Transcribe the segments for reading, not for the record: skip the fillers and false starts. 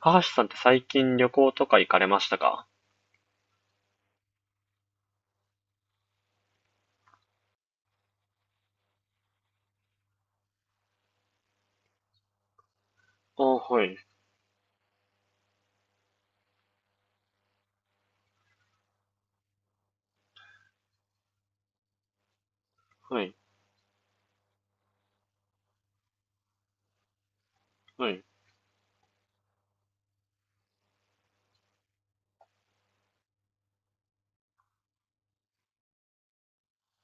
高橋さんって最近旅行とか行かれましたか？あはい、はい、はい、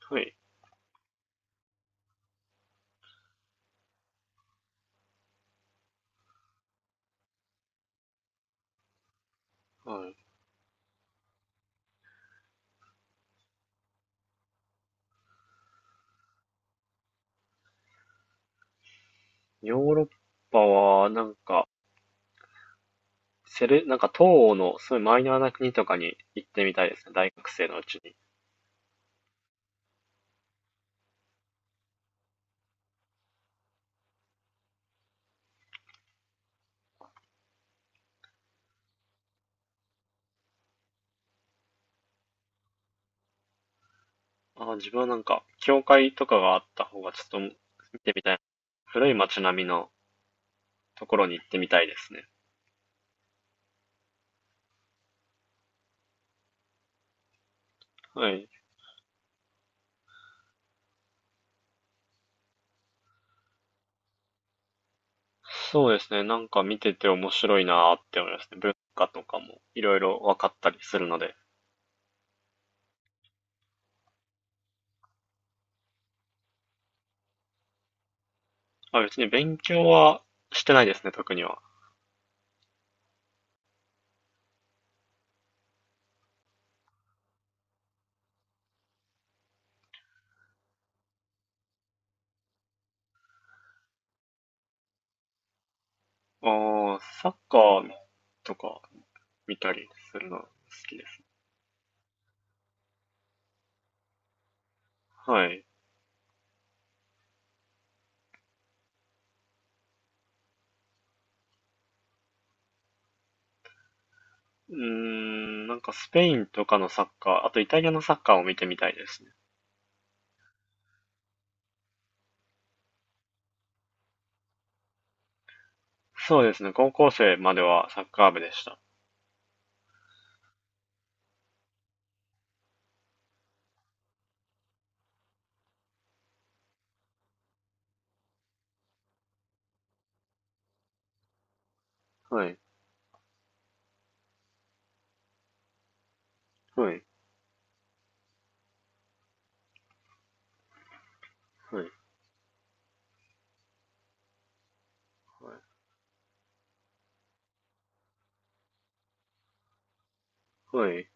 はい、はい。ヨーロッパは、なんか、なんか東欧のすごいマイナーな国とかに行ってみたいですね、大学生のうちに。ああ、自分はなんか、教会とかがあった方がちょっと見てみたい。古い街並みのところに行ってみたいですね。はい。そうですね、なんか見てて面白いなーって思いますね。文化とかもいろいろ分かったりするので。あ、別に勉強はしてないですね、特には。ああ、サッカーとか見たりするの好きです。はい。うーん、なんかスペインとかのサッカー、あとイタリアのサッカーを見てみたいですね。そうですね。高校生まではサッカー部でした。はい。はい。はい。はい。はい。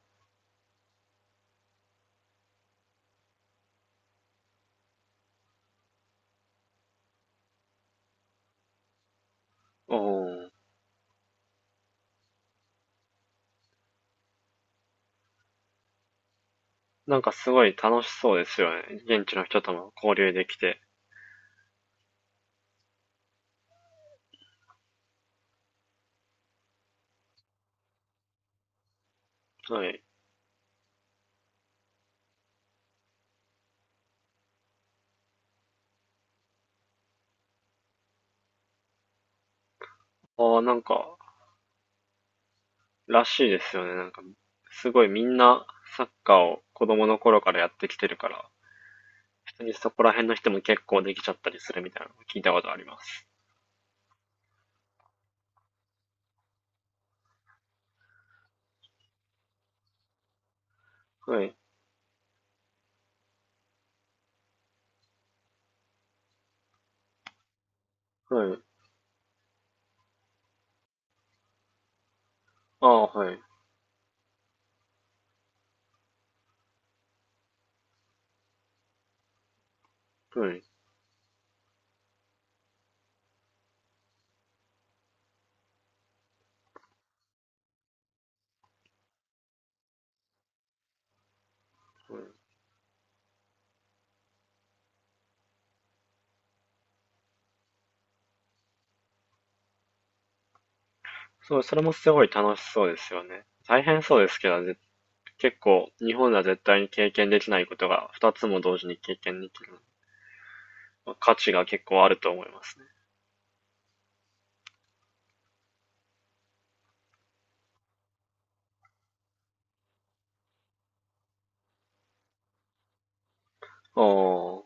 おー。なんかすごい楽しそうですよね。現地の人とも交流できて。はい。ああ、なんか、らしいですよね。なんか、すごいみんなサッカーを子供の頃からやってきてるから、普通にそこら辺の人も結構できちゃったりするみたいなのを聞いたことあります。はい、はい。ああ、はい、はい、はい。そう、それもすごい楽しそうですよね。大変そうですけど、結構、日本では絶対に経験できないことが2つも同時に経験できる。まあ価値が結構あると思いますね。ああ、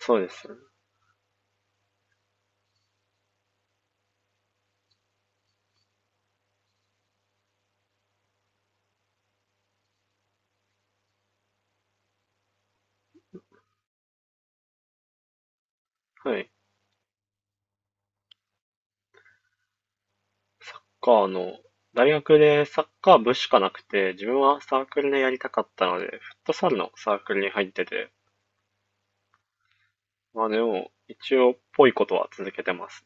そうですよね。はい。サッカーの、大学でサッカー部しかなくて、自分はサークルでやりたかったので、フットサルのサークルに入ってて、まあでも、一応、ぽいことは続けてます。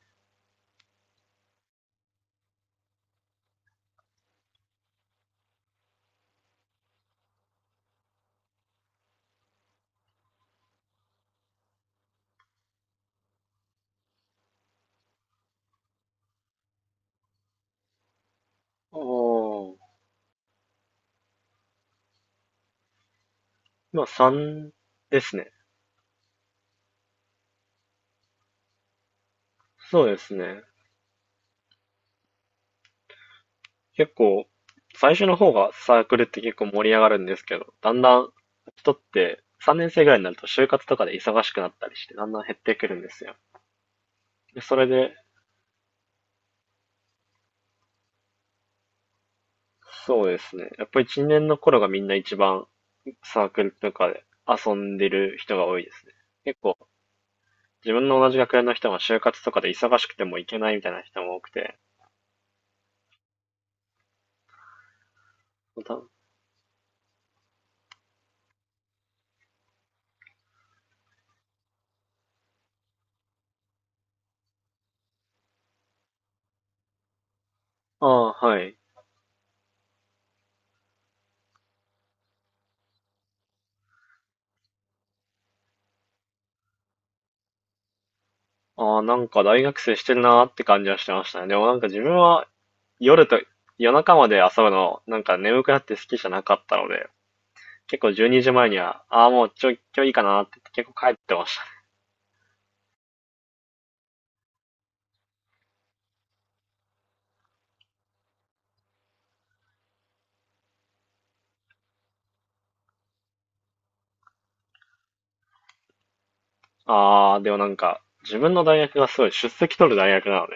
ああ、まあ3ですね。そうですね。結構、最初の方がサークルって結構盛り上がるんですけど、だんだん人って3年生ぐらいになると就活とかで忙しくなったりして、だんだん減ってくるんですよ。それで、そうですね。やっぱ1、2年の頃がみんな一番サークルとかで遊んでる人が多いですね。結構、自分の同じ学年の人が就活とかで忙しくても行けないみたいな人も多くて、またああ、はい。ああ、なんか大学生してるなーって感じはしてましたね。でもなんか自分は夜と夜中まで遊ぶのなんか眠くなって好きじゃなかったので、結構12時前にじまえには、ああ、もうちょ、今日いいかなーって言って結構帰ってましたね。ああ、でもなんか自分の大学がすごい出席取る大学なので、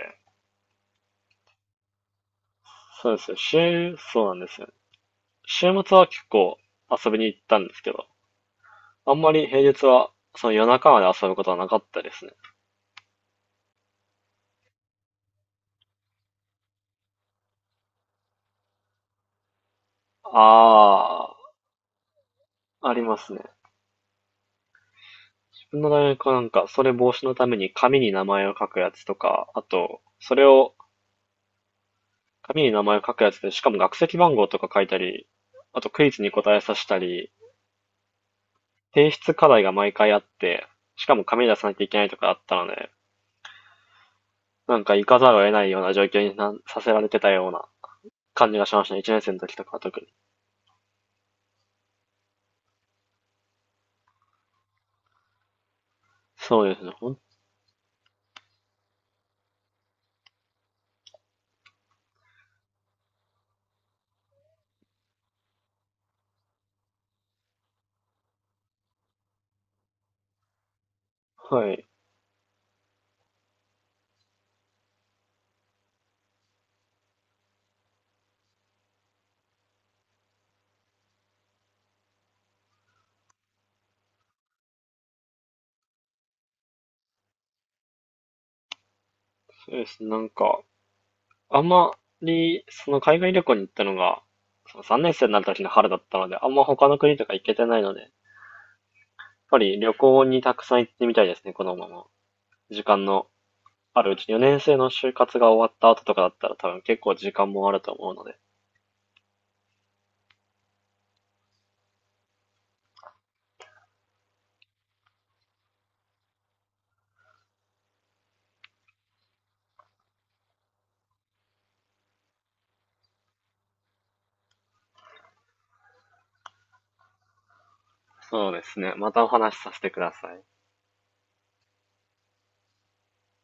そうですよ。そうなんですよ。週末は結構遊びに行ったんですけど、あんまり平日はその夜中まで遊ぶことはなかったですね。ああ、ありますね。の大学はなんか、それ防止のために紙に名前を書くやつとか、あと、それを、紙に名前を書くやつで、しかも学籍番号とか書いたり、あとクイズに答えさせたり、提出課題が毎回あって、しかも紙に出さなきゃいけないとかあったので、なんか行かざるを得ないような状況になさせられてたような感じがしましたね。1年生の時とかは特に。そうですね。はい。そうですね。なんか、あんまり、その海外旅行に行ったのが、その3年生になる時の春だったので、あんま他の国とか行けてないので、旅行にたくさん行ってみたいですね、このまま。時間のあるうちに、4年生の就活が終わった後とかだったら多分結構時間もあると思うので。そうですね。またお話しさせてください。